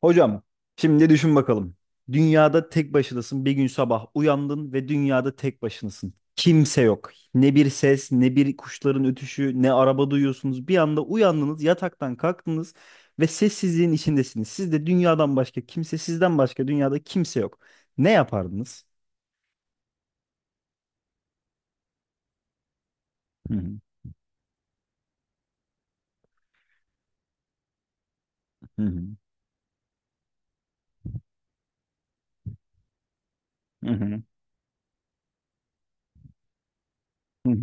Hocam, şimdi düşün bakalım. Dünyada tek başınasın. Bir gün sabah uyandın ve dünyada tek başınasın. Kimse yok. Ne bir ses, ne bir kuşların ötüşü, ne araba duyuyorsunuz. Bir anda uyandınız, yataktan kalktınız ve sessizliğin içindesiniz. Siz de dünyadan başka kimse, sizden başka dünyada kimse yok. Ne yapardınız? Hı hı, hı hı, hı hı, hı hı.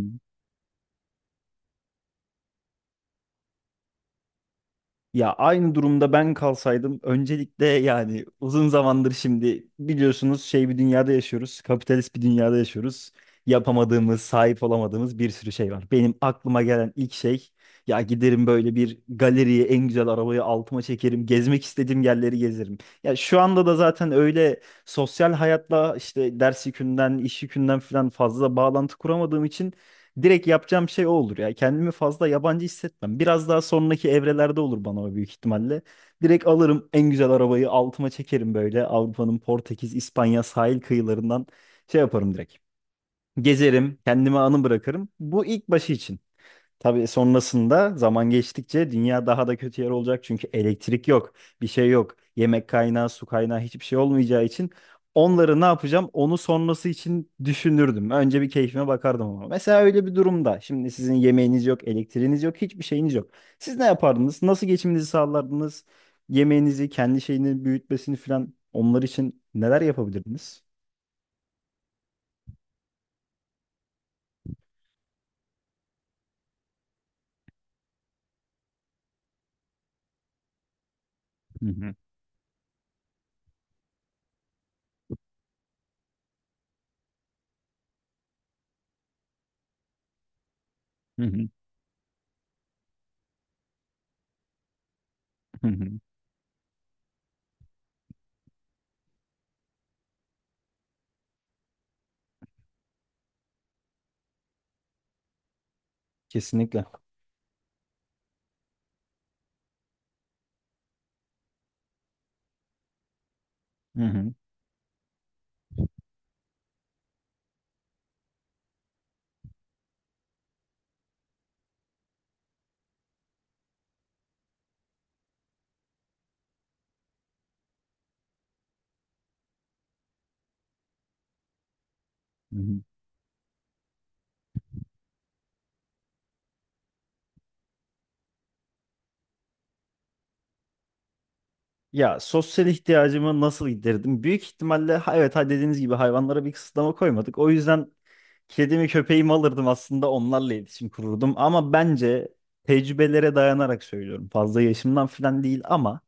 Ya aynı durumda ben kalsaydım öncelikle, yani uzun zamandır şimdi biliyorsunuz şey bir dünyada yaşıyoruz. Kapitalist bir dünyada yaşıyoruz. Yapamadığımız, sahip olamadığımız bir sürü şey var. Benim aklıma gelen ilk şey, ya giderim böyle bir galeriye, en güzel arabayı altıma çekerim. Gezmek istediğim yerleri gezerim. Ya şu anda da zaten öyle sosyal hayatla, işte ders yükünden, iş yükünden falan fazla bağlantı kuramadığım için direkt yapacağım şey o olur ya. Kendimi fazla yabancı hissetmem. Biraz daha sonraki evrelerde olur bana o, büyük ihtimalle. Direkt alırım, en güzel arabayı altıma çekerim böyle. Avrupa'nın Portekiz, İspanya sahil kıyılarından şey yaparım direkt. Gezerim, kendime anı bırakırım. Bu ilk başı için. Tabii sonrasında zaman geçtikçe dünya daha da kötü yer olacak. Çünkü elektrik yok, bir şey yok. Yemek kaynağı, su kaynağı hiçbir şey olmayacağı için onları ne yapacağım, onu sonrası için düşünürdüm. Önce bir keyfime bakardım ama. Mesela öyle bir durumda şimdi sizin yemeğiniz yok, elektriğiniz yok, hiçbir şeyiniz yok. Siz ne yapardınız? Nasıl geçiminizi sağlardınız? Yemeğinizi, kendi şeyini büyütmesini falan, onlar için neler yapabilirdiniz? Hı hı, hı hı, hı hı, kesinlikle. Hı hı, hı hı. Ya sosyal ihtiyacımı nasıl giderdim? Büyük ihtimalle evet, ha, dediğiniz gibi hayvanlara bir kısıtlama koymadık. O yüzden kedimi köpeğimi alırdım, aslında onlarla iletişim kururdum, ama bence, tecrübelere dayanarak söylüyorum, fazla yaşımdan falan değil ama,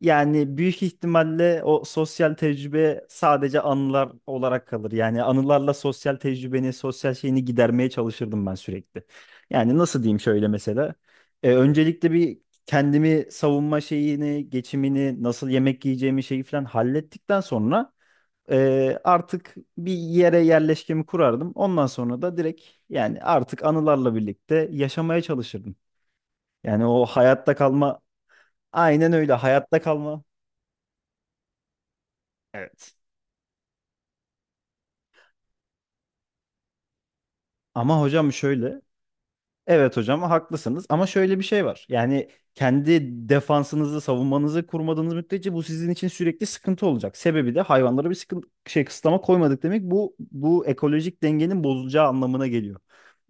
yani büyük ihtimalle o sosyal tecrübe sadece anılar olarak kalır. Yani anılarla sosyal tecrübeni, sosyal şeyini gidermeye çalışırdım ben sürekli. Yani nasıl diyeyim şöyle mesela. Öncelikle bir kendimi savunma şeyini, geçimini, nasıl yemek yiyeceğimi, şeyi falan hallettikten sonra artık bir yere yerleşkemi kurardım. Ondan sonra da direkt, yani artık anılarla birlikte yaşamaya çalışırdım. Yani o hayatta kalma, aynen öyle, hayatta kalma. Evet. Ama hocam şöyle, evet hocam haklısınız, ama şöyle bir şey var. Yani kendi defansınızı, savunmanızı kurmadığınız müddetçe bu sizin için sürekli sıkıntı olacak. Sebebi de hayvanlara bir sıkıntı şey kısıtlama koymadık demek, bu ekolojik dengenin bozulacağı anlamına geliyor.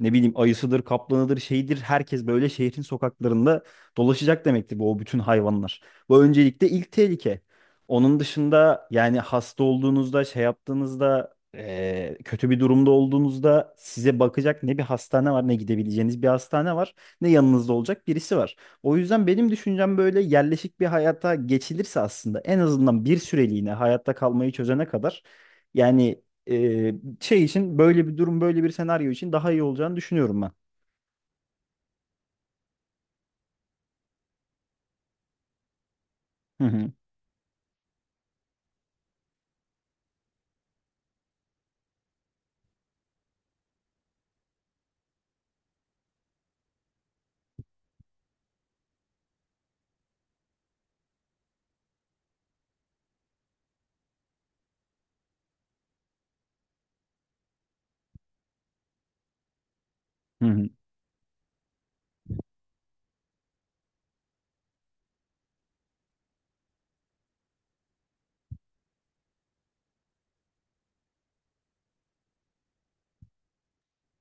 Ne bileyim ayısıdır, kaplanıdır, şeydir, herkes böyle şehrin sokaklarında dolaşacak demektir bu, o bütün hayvanlar. Bu öncelikle ilk tehlike. Onun dışında, yani hasta olduğunuzda, şey yaptığınızda, kötü bir durumda olduğunuzda size bakacak ne bir hastane var, ne gidebileceğiniz bir hastane var, ne yanınızda olacak birisi var. O yüzden benim düşüncem, böyle yerleşik bir hayata geçilirse aslında, en azından bir süreliğine hayatta kalmayı çözene kadar, yani e, şey için, böyle bir durum, böyle bir senaryo için daha iyi olacağını düşünüyorum ben. Hı hı. Hı hı.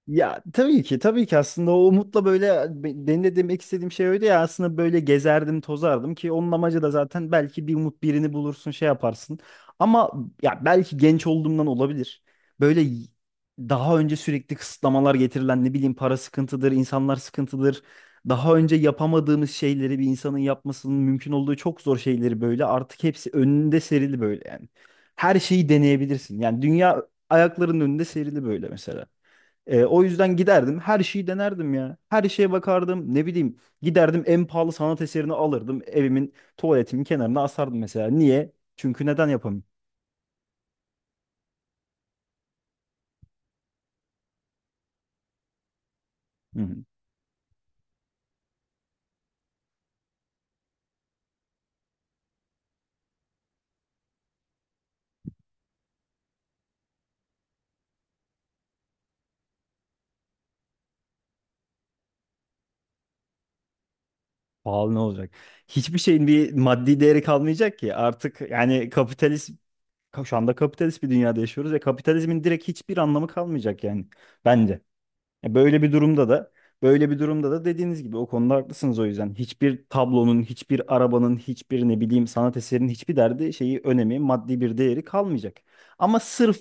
Ya tabii ki, tabii ki, aslında o umutla böyle, benim de demek istediğim şey öyle ya, aslında böyle gezerdim tozardım ki, onun amacı da zaten belki bir umut birini bulursun, şey yaparsın, ama ya belki genç olduğumdan olabilir, böyle daha önce sürekli kısıtlamalar getirilen, ne bileyim para sıkıntıdır, insanlar sıkıntıdır, daha önce yapamadığımız şeyleri, bir insanın yapmasının mümkün olduğu çok zor şeyleri, böyle artık hepsi önünde serili böyle yani. Her şeyi deneyebilirsin, yani dünya ayaklarının önünde serili böyle mesela. O yüzden giderdim, her şeyi denerdim ya. Her şeye bakardım, ne bileyim giderdim en pahalı sanat eserini alırdım, evimin tuvaletimin kenarına asardım mesela. Niye? Çünkü neden yapamayayım? Hı hı. Pahalı ne olacak? Hiçbir şeyin bir maddi değeri kalmayacak ki artık, yani kapitalist, şu anda kapitalist bir dünyada yaşıyoruz ve kapitalizmin direkt hiçbir anlamı kalmayacak, yani bence. Böyle bir durumda da, dediğiniz gibi o konuda haklısınız, o yüzden. Hiçbir tablonun, hiçbir arabanın, hiçbir ne bileyim sanat eserinin hiçbir derdi şeyi, önemi, maddi bir değeri kalmayacak. Ama sırf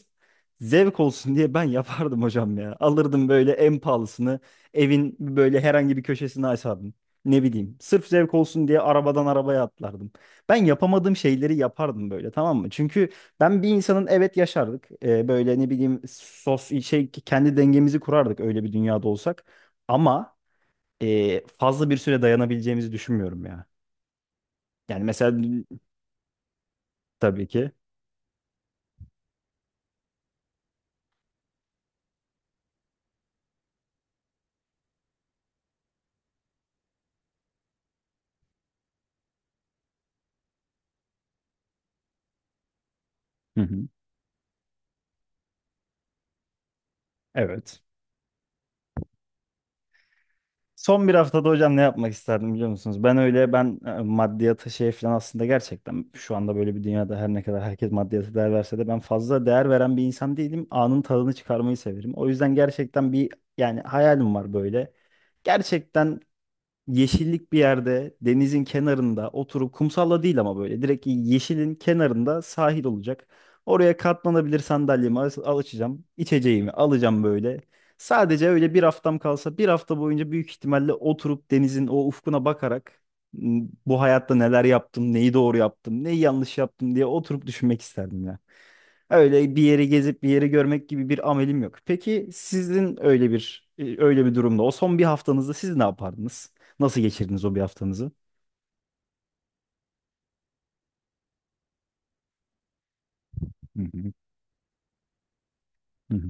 zevk olsun diye ben yapardım hocam ya. Alırdım böyle en pahalısını, evin böyle herhangi bir köşesine asardım. Ne bileyim, sırf zevk olsun diye arabadan arabaya atlardım. Ben yapamadığım şeyleri yapardım böyle, tamam mı? Çünkü ben bir insanın evet yaşardık. Böyle ne bileyim şey kendi dengemizi kurardık öyle bir dünyada olsak. Ama fazla bir süre dayanabileceğimizi düşünmüyorum ya. Yani mesela tabii ki. Hı hı. Evet. Son bir haftada hocam ne yapmak isterdim biliyor musunuz? Ben öyle, ben maddiyata şey falan, aslında gerçekten şu anda böyle bir dünyada her ne kadar herkes maddiyata değer verse de, ben fazla değer veren bir insan değilim. Anın tadını çıkarmayı severim. O yüzden gerçekten bir, yani hayalim var böyle. Gerçekten yeşillik bir yerde, denizin kenarında oturup, kumsalla değil ama böyle direkt yeşilin kenarında sahil olacak. Oraya katlanabilir sandalyemi açacağım. İçeceğimi alacağım böyle. Sadece öyle bir haftam kalsa, bir hafta boyunca büyük ihtimalle oturup denizin o ufkuna bakarak, "M, bu hayatta neler yaptım, neyi doğru yaptım, neyi yanlış yaptım" diye oturup düşünmek isterdim ya. Öyle bir yeri gezip bir yeri görmek gibi bir amelim yok. Peki sizin, öyle bir öyle bir durumda, o son bir haftanızda siz ne yapardınız? Nasıl geçirdiniz o bir haftanızı? Hı hı, hı hı.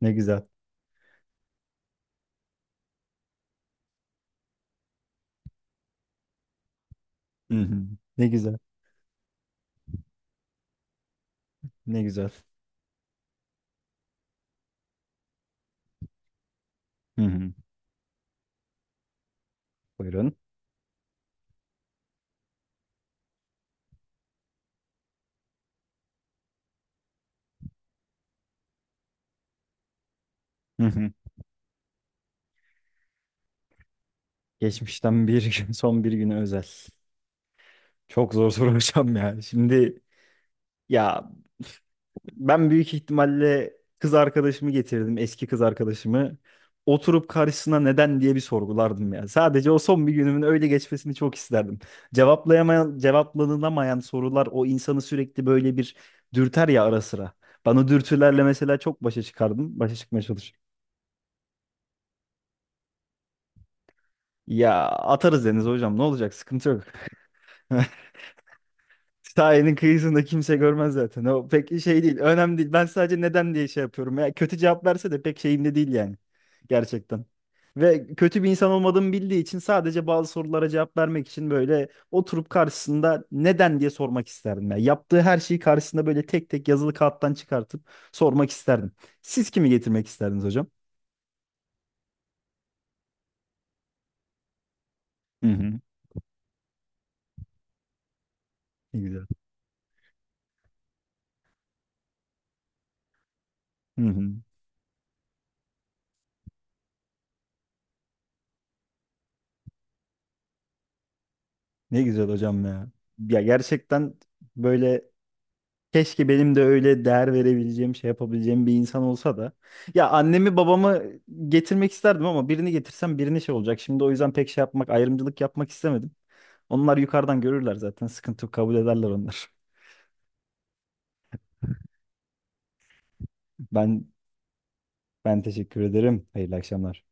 Ne güzel. Hı hı. Ne güzel. Ne güzel. Hı hı. Buyurun. Hı hı. Geçmişten bir gün, son bir güne özel. Çok zor soru hocam ya. Şimdi, ya, ben büyük ihtimalle kız arkadaşımı getirdim, eski kız arkadaşımı. Oturup karşısına neden diye bir sorgulardım ya. Sadece o son bir günümün öyle geçmesini çok isterdim. Cevaplayamayan, cevaplanılamayan sorular o insanı sürekli böyle bir dürter ya ara sıra. Ben o dürtülerle mesela çok başa çıkardım, başa çıkmaya çalışırım. Ya atarız deniz hocam, ne olacak, sıkıntı yok. Sahilin kıyısında kimse görmez zaten. O pek şey değil. Önemli değil. Ben sadece neden diye şey yapıyorum. Ya kötü cevap verse de pek şeyimde değil yani. Gerçekten. Ve kötü bir insan olmadığımı bildiği için sadece bazı sorulara cevap vermek için böyle oturup karşısında neden diye sormak isterdim. Ya yaptığı her şeyi karşısında böyle tek tek yazılı kağıttan çıkartıp sormak isterdim. Siz kimi getirmek isterdiniz hocam? Hı hı. Ne güzel. Hı hı. Ne güzel hocam ya. Ya gerçekten böyle, keşke benim de öyle değer verebileceğim, şey yapabileceğim bir insan olsa da. Ya annemi babamı getirmek isterdim, ama birini getirsem birine şey olacak. Şimdi o yüzden pek şey yapmak, ayrımcılık yapmak istemedim. Onlar yukarıdan görürler zaten. Sıkıntı yok, kabul ederler onlar. Ben Ben teşekkür ederim. Hayırlı akşamlar.